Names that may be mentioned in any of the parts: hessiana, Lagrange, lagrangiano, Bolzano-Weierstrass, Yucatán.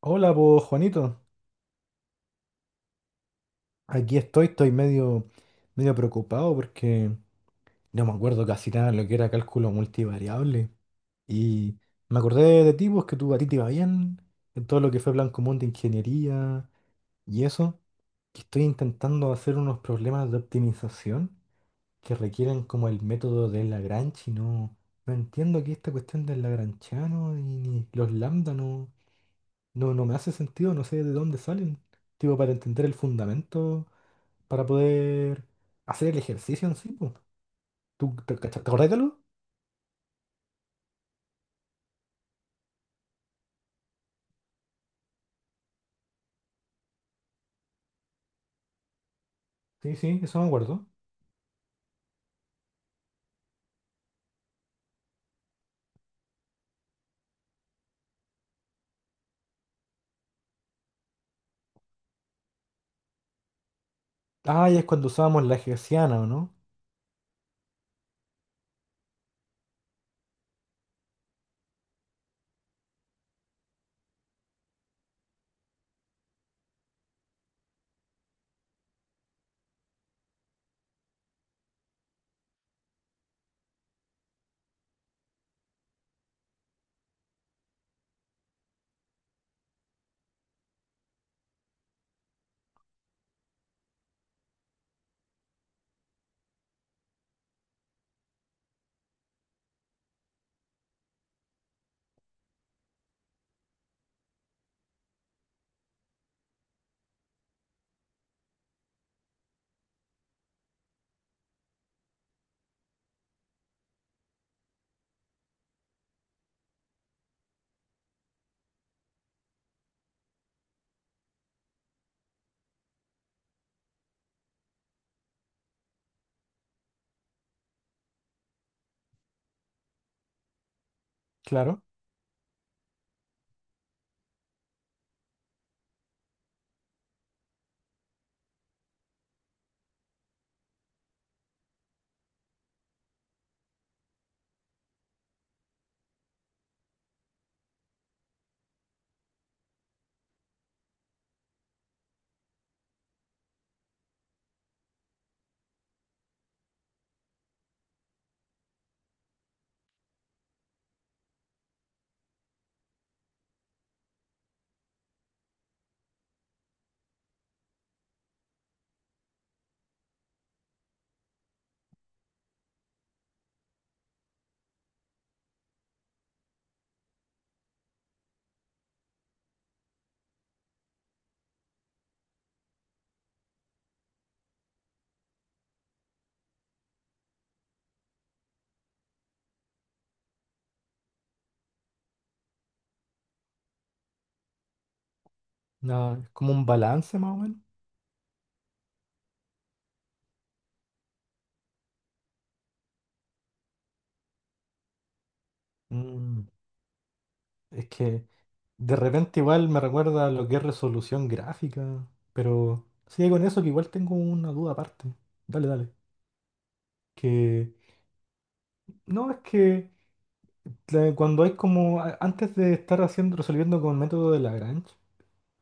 Hola, pues Juanito. Aquí estoy, estoy medio preocupado porque no me acuerdo casi nada de lo que era cálculo multivariable. Y me acordé de ti, pues que tú a ti te iba bien, en todo lo que fue plan común de ingeniería y eso. Que estoy intentando hacer unos problemas de optimización que requieren como el método de Lagrange y no entiendo que esta cuestión del lagranchiano y ni los lambda no me hace sentido, no sé de dónde salen. Tipo, para entender el fundamento, para poder hacer el ejercicio en sí, pues. ¿Tú te acordás de algo? Sí, sí, eso me acuerdo. Ah, ¿y es cuando usábamos la hessiana, o no? Claro. Ah, es como un balance más o menos. Mm, es que de repente igual me recuerda a lo que es resolución gráfica, pero sigue con eso que igual tengo una duda aparte. Dale, dale. Que no, es que cuando hay como antes de estar haciendo, resolviendo con método de Lagrange,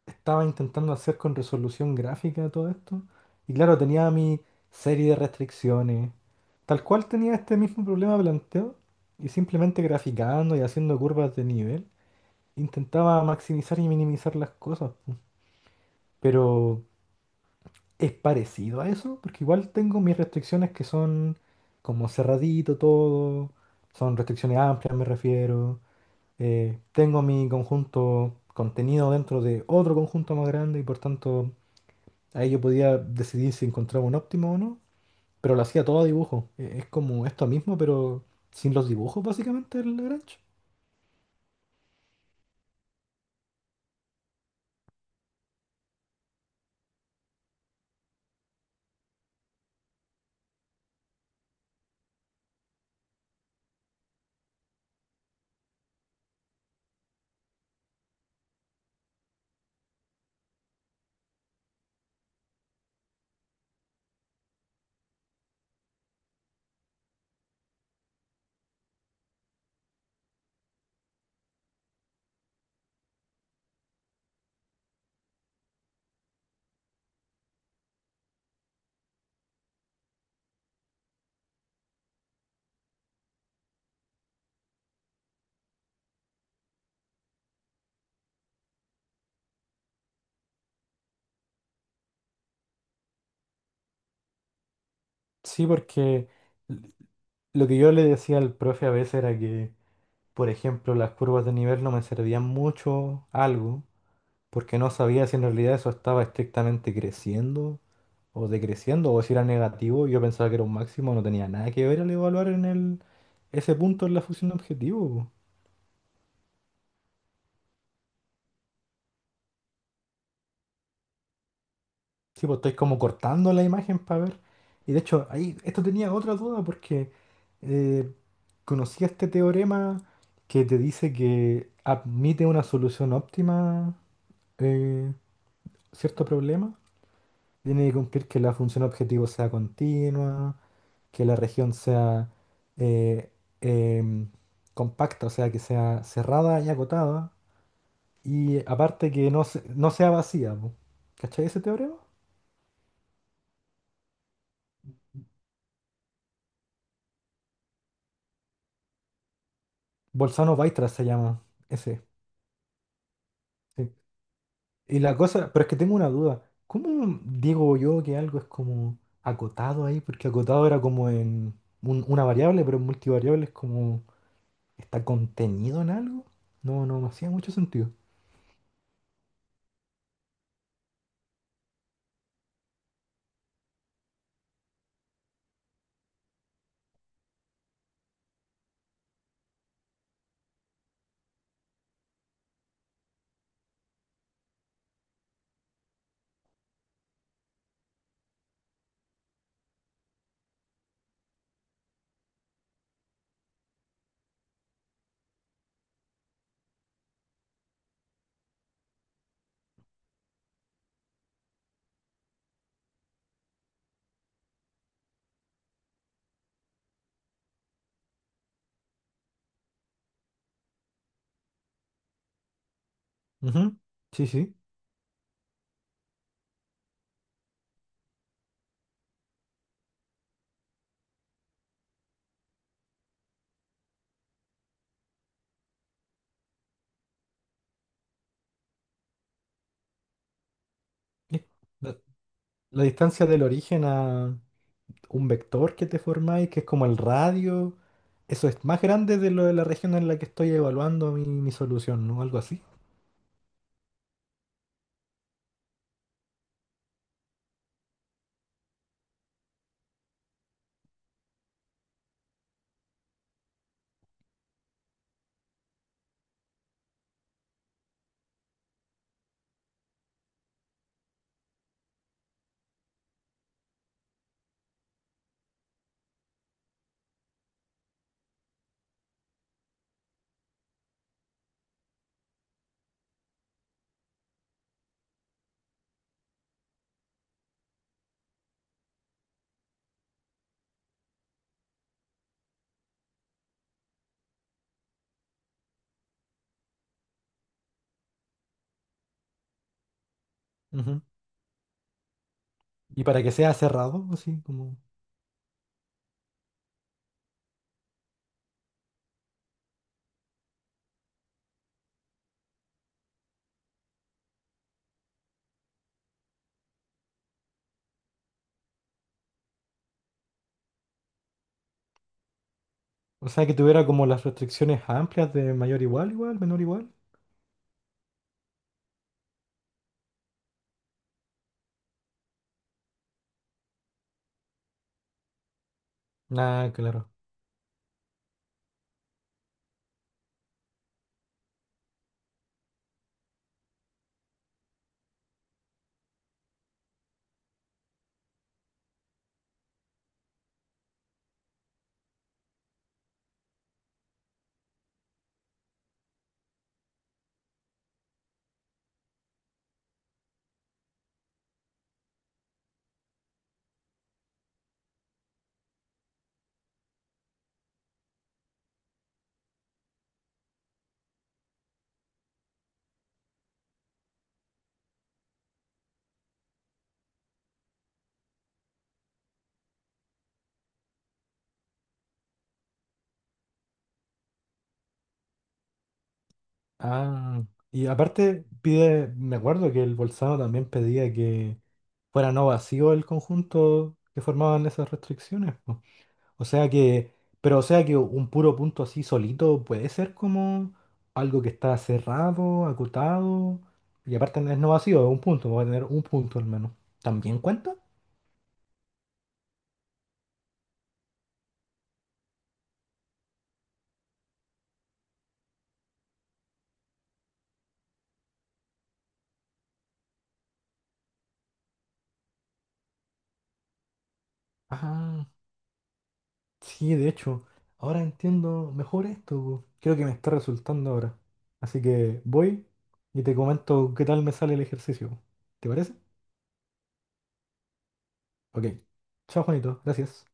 estaba intentando hacer con resolución gráfica todo esto. Y claro, tenía mi serie de restricciones. Tal cual tenía este mismo problema planteado. Y simplemente graficando y haciendo curvas de nivel, intentaba maximizar y minimizar las cosas, po. Pero es parecido a eso, porque igual tengo mis restricciones que son como cerradito todo. Son restricciones amplias, me refiero. Tengo mi conjunto contenido dentro de otro conjunto más grande y, por tanto, ahí yo podía decidir si encontraba un óptimo o no, pero lo hacía todo a dibujo. Es como esto mismo, pero sin los dibujos, básicamente, el Lagrange. Sí, porque l- lo que yo le decía al profe a veces era que, por ejemplo, las curvas de nivel no me servían mucho algo, porque no sabía si en realidad eso estaba estrictamente creciendo o decreciendo, o si era negativo. Yo pensaba que era un máximo, no tenía nada que ver al evaluar en ese punto en la función de objetivo. Sí, pues estoy como cortando la imagen para ver. Y de hecho, ahí, esto tenía otra duda porque eh, conocí este teorema que te dice que admite una solución óptima eh, cierto problema. Tiene que cumplir que la función objetivo sea continua, que la región sea eh, em, compacta, o sea, que sea cerrada y acotada. Y aparte que no sea vacía, po. ¿Cachai ese teorema? Bolzano-Weierstrass se llama. Ese. Sí. Y la cosa, pero es que tengo una duda. ¿Cómo digo yo que algo es como acotado ahí? Porque acotado era como en una variable, pero en multivariable es como está contenido en algo. No, no me hacía mucho sentido. Ujú. Sí, sí. Es La, la distancia del origen a un vector que te formáis, que es como el radio, eso es más grande de lo de la región en la que estoy evaluando mi solución, ¿no? Algo así. Ujú. ¿Y para que sea cerrado, así como...? O sea, que tuviera como las restricciones amplias de mayor igual, igual, menor igual. Ah, claro. Ah, y aparte pide, me acuerdo que el Bolzano también pedía que fuera no vacío el conjunto que formaban esas restricciones, po. O sea que, pero o sea que un puro punto así solito puede ser como algo que está cerrado, acotado. Y aparte no es no vacío, es un punto, va a tener un punto al menos. ¿También cuenta? Ah. Sí, de hecho, ahora entiendo mejor esto, po. Creo que me está resultando ahora. Así que voy y te comento qué tal me sale el ejercicio. ¿Te parece? Ok. Chao, Juanito. Gracias.